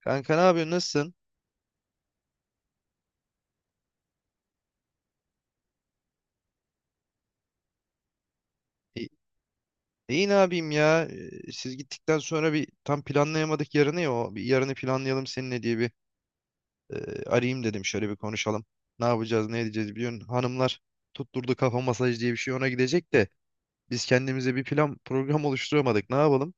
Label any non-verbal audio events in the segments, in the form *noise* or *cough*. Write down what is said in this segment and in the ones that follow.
Kanka ne yapıyorsun? Nasılsın? İyi, iyi ne yapayım ya? Siz gittikten sonra bir tam planlayamadık yarını ya. O bir yarını planlayalım seninle diye bir e, arayayım dedim. Şöyle bir konuşalım. Ne yapacağız, ne edeceğiz biliyorsun. Hanımlar tutturdu kafa masaj diye bir şey ona gidecek de biz kendimize bir plan program oluşturamadık. Ne yapalım?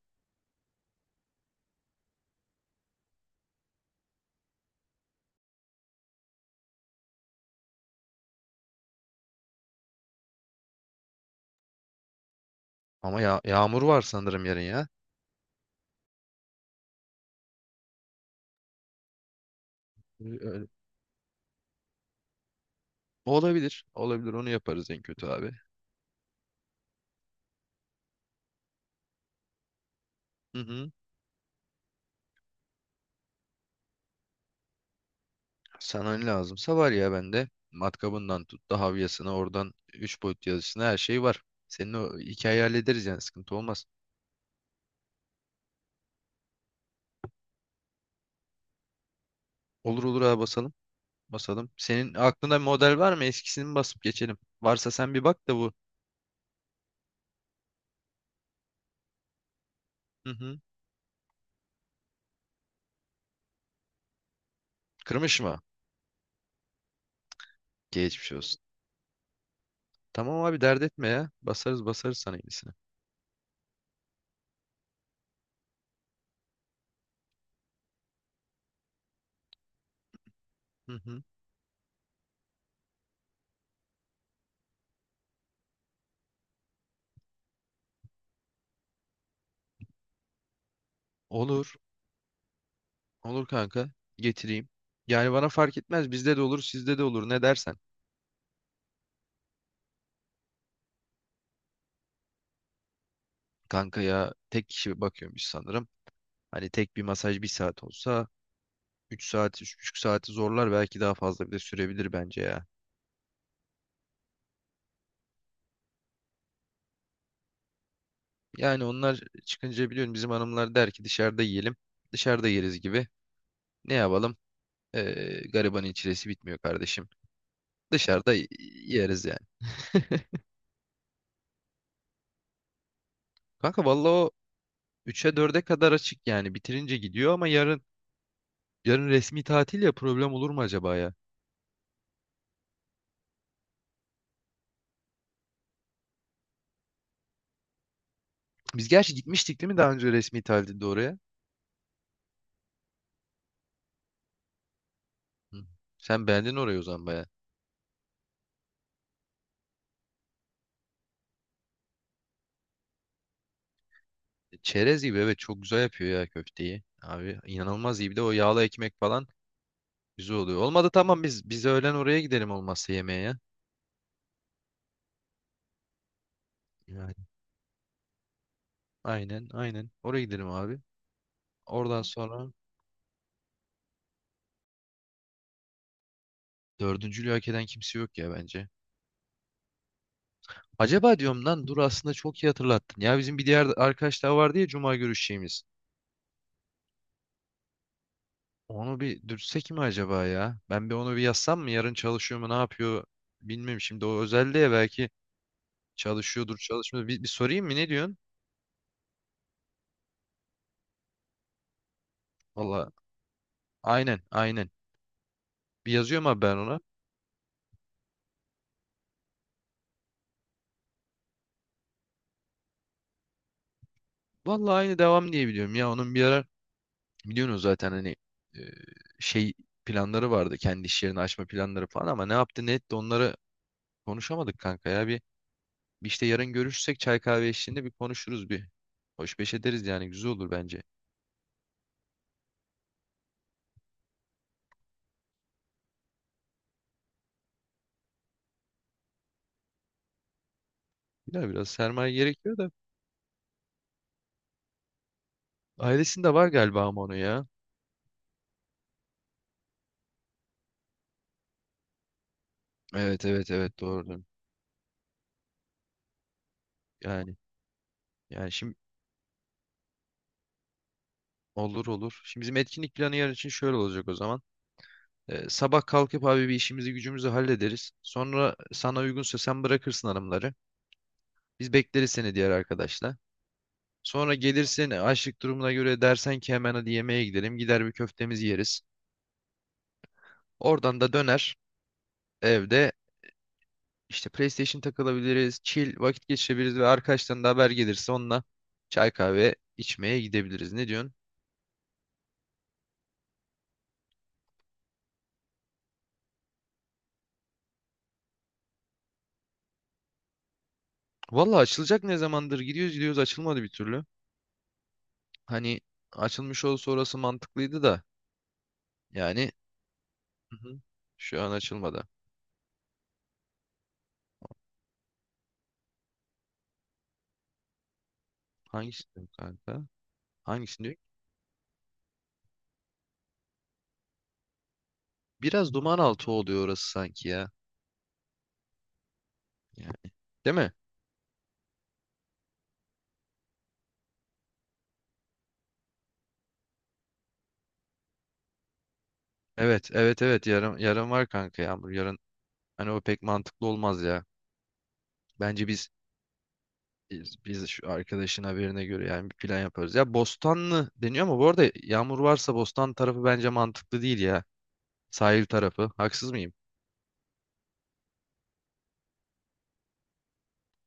Ama ya yağmur var sanırım yarın ya. Öyle- Olabilir. Olabilir. Onu yaparız en kötü abi. Hı hı. Sana ne lazımsa var ya bende. Matkabından tut da havyasına oradan 3 boyut yazısına her şey var. Senin o hikayeyi hallederiz yani sıkıntı olmaz. Olur olur abi basalım. Basalım. Senin aklında model var mı? Eskisini mi basıp geçelim? Varsa sen bir bak da bu. Hı hı. Kırmış mı? Geçmiş olsun. Tamam abi dert etme ya. Basarız basarız sana yenisini. Hı hı. Olur. Olur kanka. Getireyim. Yani bana fark etmez. Bizde de olur, sizde de olur. Ne dersen. Kanka ya tek kişi bakıyormuş sanırım. Hani tek bir masaj bir saat olsa 3 saati, 3,5 saati zorlar belki daha fazla bile sürebilir bence ya. Yani onlar çıkınca biliyorum bizim hanımlar der ki dışarıda yiyelim. Dışarıda yeriz gibi. Ne yapalım? Garibanın çilesi bitmiyor kardeşim. Dışarıda yeriz yani. Kanka vallahi o 3'e 4'e kadar açık yani. Bitirince gidiyor ama yarın yarın resmi tatil ya, problem olur mu acaba ya? Biz gerçi gitmiştik değil mi daha önce resmi tatilde oraya? Hı. Sen beğendin orayı o zaman baya. Çerez gibi, evet, çok güzel yapıyor ya köfteyi. Abi inanılmaz iyi. Bir de o yağlı ekmek falan güzel oluyor. Olmadı tamam, biz öğlen oraya gidelim olmazsa yemeğe ya. Yani aynen, aynen. Oraya gidelim abi. Oradan sonra dördüncülüğü hak eden kimse yok ya bence. Acaba diyorum, lan dur, aslında çok iyi hatırlattın. Ya bizim bir diğer arkadaş daha vardı ya, cuma görüşeceğimiz. Onu bir dürtsek mi acaba ya? Ben bir onu bir yazsam mı? Yarın çalışıyor mu, ne yapıyor? Bilmiyorum, şimdi o özel diye belki çalışıyordur, çalışmıyor. Bir sorayım mı, ne diyorsun? Valla aynen, aynen. Bir yazıyorum abi ben ona. Valla aynı devam diye biliyorum ya onun bir ara. Biliyorsunuz zaten hani e, şey planları vardı. Kendi iş yerini açma planları falan, ama ne yaptı ne etti onları konuşamadık kanka ya. Bir işte yarın görüşsek çay kahve eşliğinde bir konuşuruz bir. Hoş beş ederiz yani, güzel olur bence. Biraz biraz sermaye gerekiyor da. Ailesinde var galiba ama onu ya. Evet, evet, evet, doğru. Yani yani şimdi olur olur. Şimdi bizim etkinlik planı yarın için şöyle olacak o zaman. Sabah kalkıp abi bir işimizi gücümüzü hallederiz. Sonra sana uygunsa sen bırakırsın hanımları. Biz bekleriz seni, diğer arkadaşlar. Sonra gelirsin, açlık durumuna göre dersen ki hemen hadi yemeğe gidelim. Gider bir köftemizi yeriz. Oradan da döner evde işte PlayStation takılabiliriz. Chill vakit geçirebiliriz ve arkadaştan da haber gelirse onunla çay kahve içmeye gidebiliriz. Ne diyorsun? Valla açılacak, ne zamandır gidiyoruz gidiyoruz açılmadı bir türlü. Hani açılmış olsa orası mantıklıydı da, yani, hı hı, şu an açılmadı. Hangisini diyorum kanka? Hangisini diyorum? Biraz duman altı oluyor orası sanki ya. Yani, değil mi? Evet, evet, evet. Yarın yarın var kanka yağmur. Yarın hani o pek mantıklı olmaz ya. Bence biz şu arkadaşın haberine göre yani bir plan yaparız. Ya Bostanlı deniyor ama bu arada yağmur varsa Bostan tarafı bence mantıklı değil ya. Sahil tarafı. Haksız mıyım?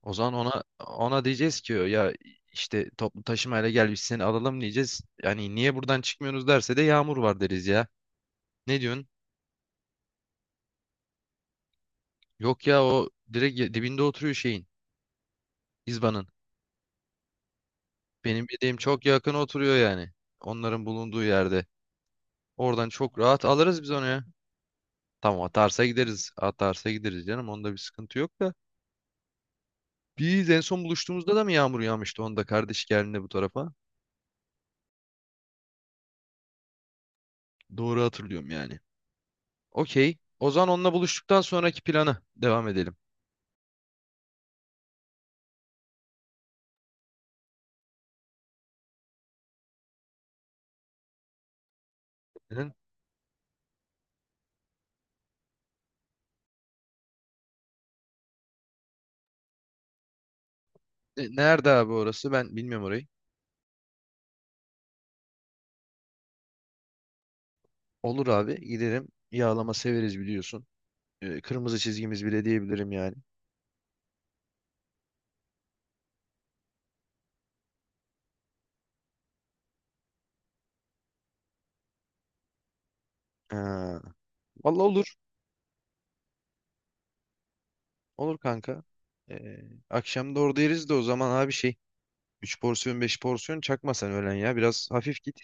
O zaman ona diyeceğiz ki ya işte toplu taşımayla gel, biz seni alalım diyeceğiz. Yani niye buradan çıkmıyorsunuz derse de yağmur var deriz ya. Ne diyorsun? Yok ya, o direkt dibinde oturuyor şeyin. İzban'ın. Benim bildiğim çok yakın oturuyor yani. Onların bulunduğu yerde. Oradan çok rahat alırız biz onu ya. Tamam, atarsa gideriz. Atarsa gideriz canım. Onda bir sıkıntı yok da. Biz en son buluştuğumuzda da mı yağmur yağmıştı? Onda, kardeş geldiğinde bu tarafa. Doğru hatırlıyorum yani. Okey. O zaman onunla buluştuktan sonraki plana devam edelim. Senin- Nerede abi orası? Ben bilmiyorum orayı. Olur abi, giderim. Yağlama severiz biliyorsun. Kırmızı çizgimiz bile diyebilirim yani. Ha. Vallahi olur. Olur kanka. Ee, akşam da orada yeriz de, o zaman abi şey 3 porsiyon 5 porsiyon çakma sen öğlen ya. Biraz hafif git.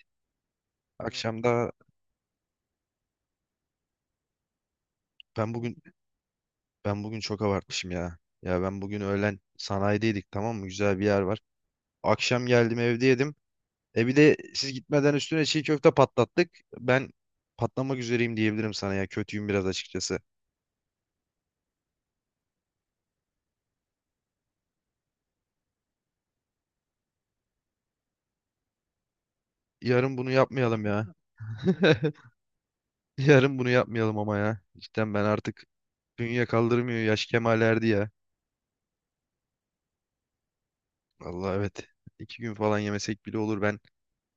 Hı. Akşam da ben bugün ben bugün çok abartmışım ya. Ya ben bugün öğlen sanayideydik, tamam mı? Güzel bir yer var. Akşam geldim evde yedim. E bir de siz gitmeden üstüne çiğ köfte patlattık. Ben patlamak üzereyim diyebilirim sana ya. Kötüyüm biraz açıkçası. Yarın bunu yapmayalım ya. *laughs* Yarın bunu yapmayalım ama ya. Cidden ben artık dünya kaldırmıyor. Yaş kemale erdi ya. Vallahi evet. 2 gün falan yemesek bile olur. Ben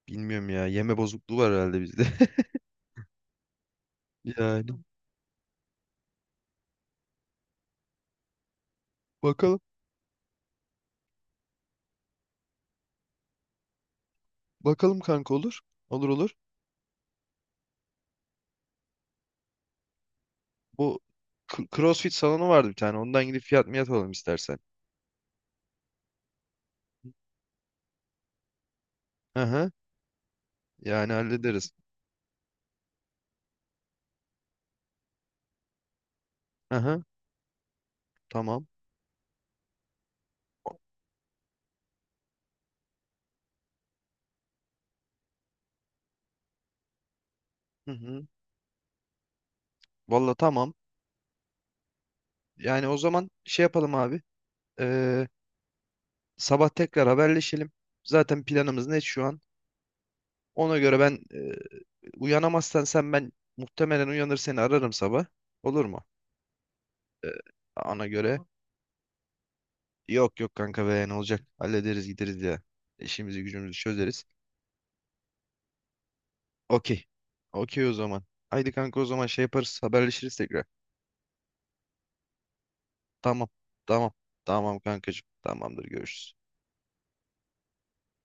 bilmiyorum ya. Yeme bozukluğu var herhalde bizde. *laughs* Yani. Bakalım. Bakalım kanka, olur. Olur olur. Bu CrossFit salonu vardı bir tane. Ondan gidip fiyat miyat alalım istersen. Hı hı. Yani hallederiz. Hı hı. Tamam. Hı hı. Valla tamam. Yani o zaman şey yapalım abi. Ee, sabah tekrar haberleşelim. Zaten planımız net şu an. Ona göre ben uyanamazsan sen, ben muhtemelen uyanır seni ararım sabah. Olur mu? Ona göre. Yok yok kanka be, ne olacak? Hallederiz, gideriz ya. İşimizi gücümüzü çözeriz. Okey. Okey o zaman. Haydi kanka, o zaman şey yaparız, haberleşiriz tekrar. Tamam. Tamam. Tamam kankacığım. Tamamdır, görüşürüz.